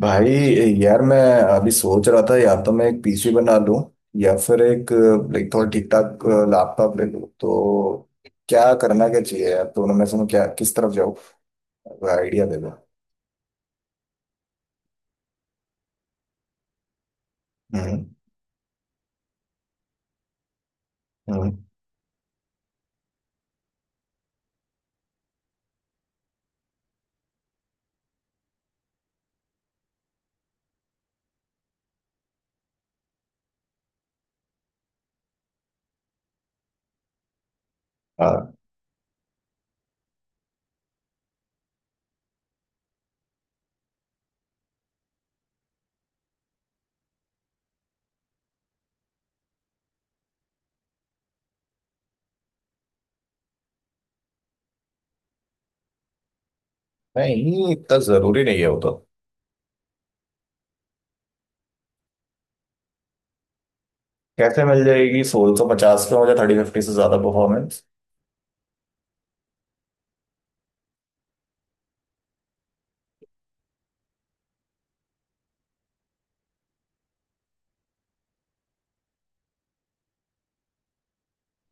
भाई यार मैं अभी सोच रहा था या तो मैं एक पीसी बना लूं या फिर एक लाइक थोड़ा ठीक ठाक लैपटॉप ले लूं तो क्या करना क्या चाहिए यार? दोनों में से मैं क्या, किस तरफ जाऊँ? आइडिया दे दो। हम्म। हम्म। हाँ। नहीं, इतना जरूरी नहीं है वो तो। कैसे मिल जाएगी 1650 पे मुझे 3050 से ज्यादा परफॉर्मेंस?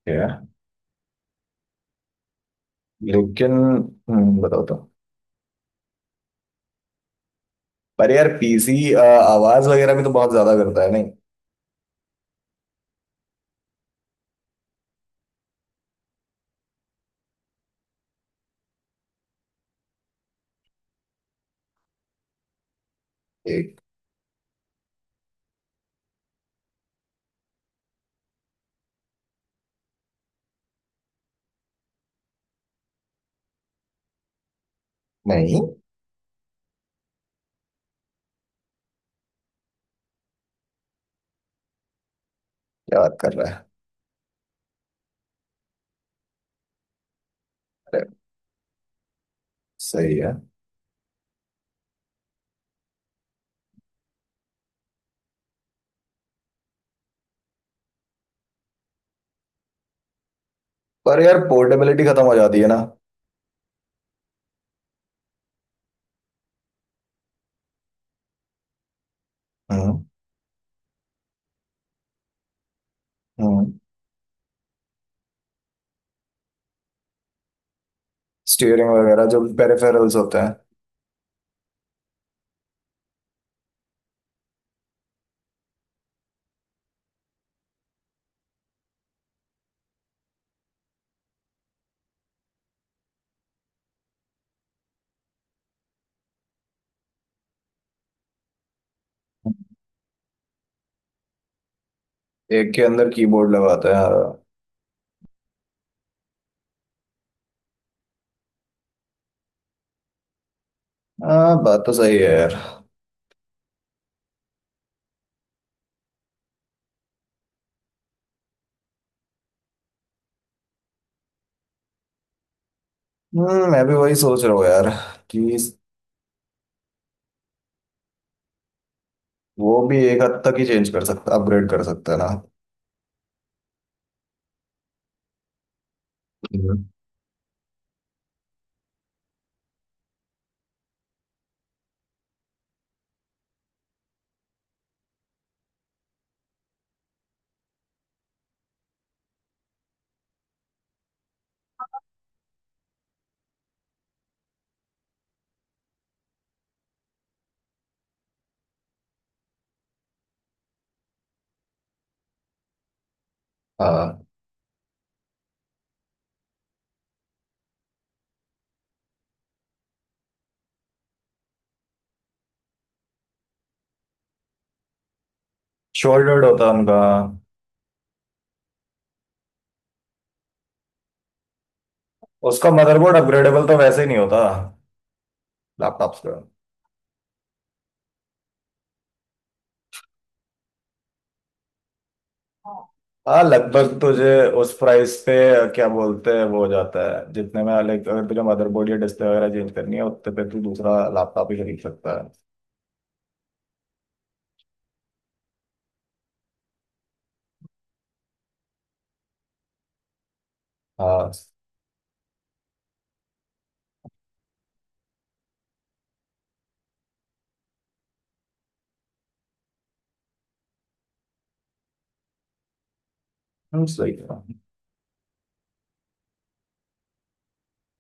है। लेकिन। बताओ तो। पर यार पीसी आवाज वगैरह भी तो बहुत ज्यादा करता है नहीं? एक। नहीं। क्या बात कर रहा है? अरे। सही है। पर यार पोर्टेबिलिटी खत्म हो जाती है ना? हम्म। हम्म। स्टीयरिंग वगैरह जो पेरिफेरल्स होते हैं। एक के अंदर कीबोर्ड लगाते हैं। हाँ, बात तो सही है यार। मैं भी वही सोच रहा हूँ यार कि वो भी एक हद तक ही चेंज कर सकता, अपग्रेड कर सकता है ना? हम्म। हाँ। शोल्डर्ड होता उनका। उसका मदरबोर्ड अपग्रेडेबल तो वैसे ही नहीं होता लैपटॉप्स का। हाँ हाँ, लगभग तुझे उस प्राइस पे क्या बोलते हैं वो हो जाता है, जितने में लाइक अगर तुझे मदरबोर्ड या डिस्प्ले वगैरह चेंज करनी है उतने पे तू दूसरा लैपटॉप ही खरीद सकता है। हाँ। सही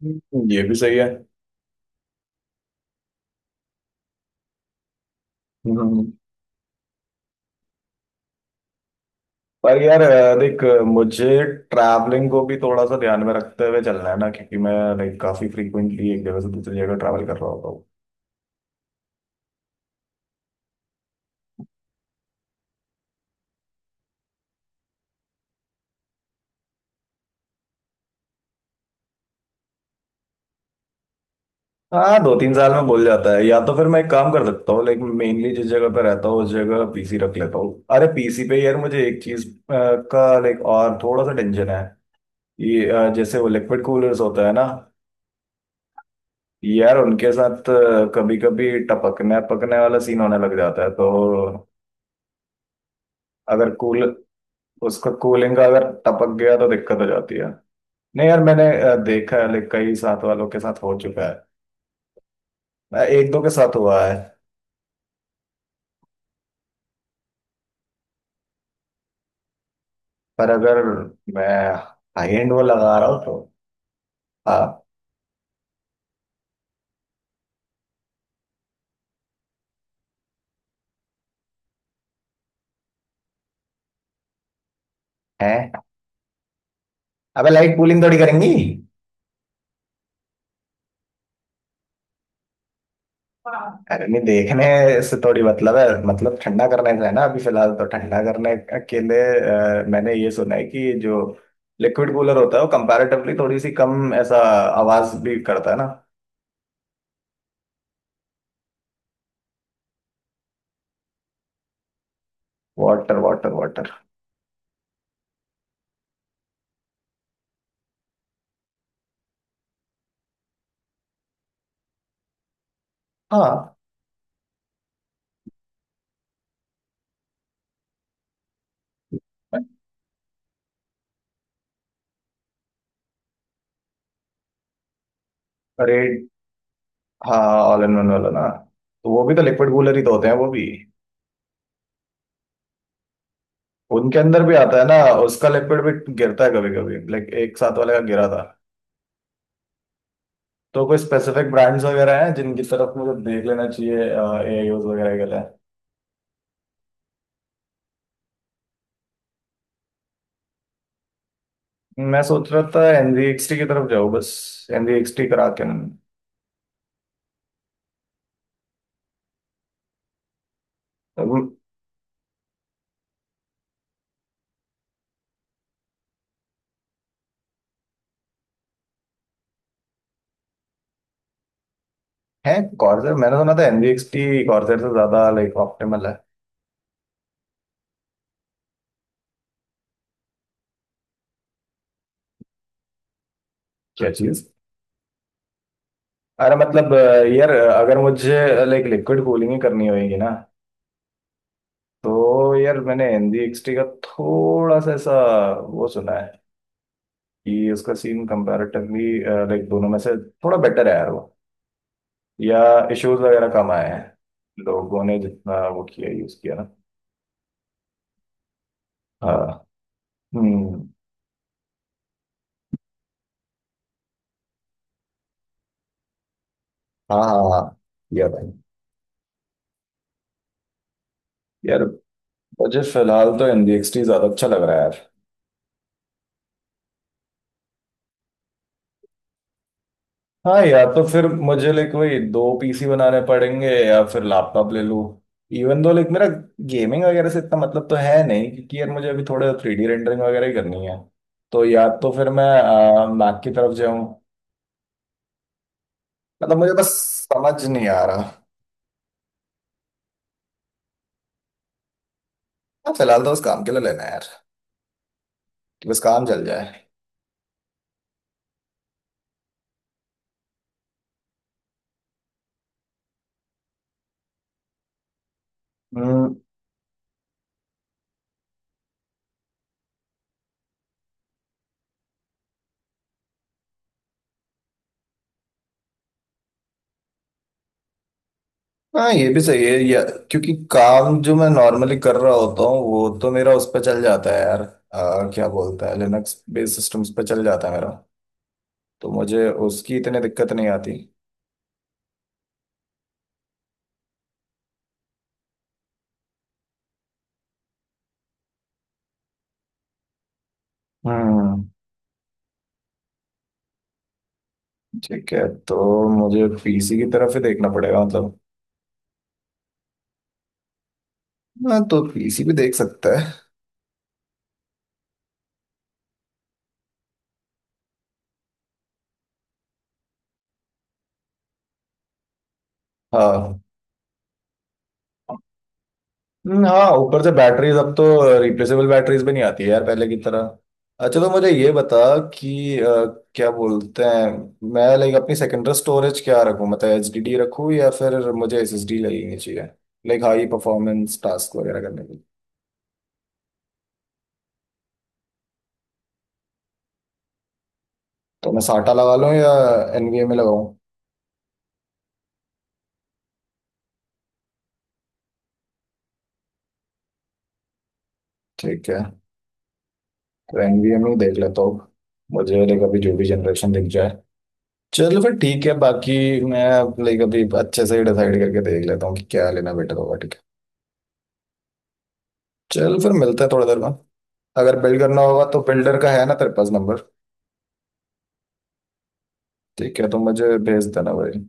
है। ये भी सही है। हम्म, पर यार देख, मुझे ट्रैवलिंग को भी थोड़ा सा ध्यान में रखते हुए चलना है ना, क्योंकि मैं लाइक काफी फ्रीक्वेंटली एक जगह से दूसरी जगह ट्रैवल कर रहा होता हूँ। हाँ, दो तीन साल में बोल जाता है। या तो फिर मैं एक काम कर सकता हूँ, लेकिन मेनली जिस जगह पे रहता हूँ उस जगह पीसी रख लेता हूँ। अरे, पीसी पे यार मुझे एक चीज का लाइक और थोड़ा सा टेंशन है। ये जैसे वो लिक्विड कूलर्स होता है ना? यार उनके साथ कभी कभी टपकने पकने वाला सीन होने लग जाता है। तो अगर कूल उसका कूलिंग का अगर टपक गया तो दिक्कत हो जाती है। नहीं यार, मैंने देखा है, लाइक कई साथ वालों के साथ हो चुका है। एक दो के साथ हुआ है। पर अगर मैं हाई एंड वो लगा रहा हूँ तो। आप। हैं। अबे, लाइट कूलिंग थोड़ी करेंगी। हाँ। अरे नहीं, देखने से थोड़ी मतलब है, मतलब ठंडा करने से है ना? अभी फिलहाल तो ठंडा करने के लिए मैंने ये सुना है कि जो लिक्विड कूलर होता है वो कंपैरेटिवली थोड़ी सी कम ऐसा आवाज भी करता है ना? Water water water. हाँ। रेड। हाँ। ऑल इन वन वाला ना? तो वो भी तो लिक्विड कूलर ही तो होते हैं वो भी। उनके अंदर भी आता है ना? उसका लिक्विड भी गिरता है कभी कभी, लाइक एक साथ वाले का गिरा था। तो कोई स्पेसिफिक ब्रांड्स वगैरह हैं जिनकी तरफ मुझे देख लेना चाहिए ए आई वगैरह के लिए? मैं सोच रहा था NZXT की तरफ जाऊँ बस। एनजीएक्सटी करा के है। कॉर्सर मैंने सुना था NZXT कॉर्सर से ज्यादा लाइक ऑप्टिमल है। क्या चीज? अरे मतलब यार अगर मुझे लाइक लिक्विड कूलिंग ही करनी होगी ना, तो यार मैंने NZXT का थोड़ा सा ऐसा वो सुना है कि उसका सीन कंपैरेटिवली लाइक दोनों में से थोड़ा बेटर है यार वो, या इश्यूज वगैरह कम आए हैं लोगों ने जितना वो किया यूज किया ना। हाँ। हम्म। हाँ हाँ हाँ। या भाई। यार मुझे फिलहाल तो NZXT ज्यादा अच्छा लग रहा है यार। हाँ यार, तो फिर मुझे लाइक वही दो पीसी बनाने पड़ेंगे या फिर लैपटॉप ले लूँ। इवन दो लाइक मेरा गेमिंग वगैरह से इतना मतलब तो है नहीं, क्योंकि यार मुझे अभी थोड़ा 3D रेंडरिंग वगैरह ही करनी है। तो या तो फिर मैं मैक की तरफ जाऊँ। मतलब मुझे बस समझ नहीं आ रहा। हाँ, फिलहाल तो बस काम के लिए लेना है यार, कि बस काम चल जाए। हम्म। हाँ, ये भी सही है, या क्योंकि काम जो मैं नॉर्मली कर रहा होता हूँ वो तो मेरा उस पर चल जाता है यार। क्या बोलता है, लिनक्स बेस्ड सिस्टम्स पे चल जाता है मेरा, तो मुझे उसकी इतनी दिक्कत नहीं आती। हम्म ठीक है, तो मुझे पीसी की तरफ ही देखना पड़ेगा मतलब। हाँ तो पीसी भी देख सकता है। हाँ, हाँ, ऊपर से बैटरीज अब तो रिप्लेसेबल बैटरीज भी नहीं आती है यार पहले की तरह। अच्छा तो मुझे ये बता कि क्या बोलते हैं, मैं लाइक अपनी सेकेंडरी स्टोरेज क्या रखूँ? मतलब HDD रखूँ या फिर मुझे SSD लगनी चाहिए लाइक हाई परफॉर्मेंस टास्क वगैरह करने के लिए? तो मैं साटा लगा लूँ या NVMe में लगाऊँ? ठीक है, तो NVMe में ही देख लेता हूँ। मुझे लाइक अभी जो भी जनरेशन दिख जाए। चलो फिर ठीक है। बाकी मैं लाइक अभी अच्छे से ही डिसाइड करके देख लेता हूँ कि क्या लेना बेटर होगा, ठीक है। चल फिर मिलते हैं थोड़ी देर में। अगर बिल्ड करना होगा तो बिल्डर का है ना तेरे पास नंबर? ठीक है, तो मुझे भेज देना भाई।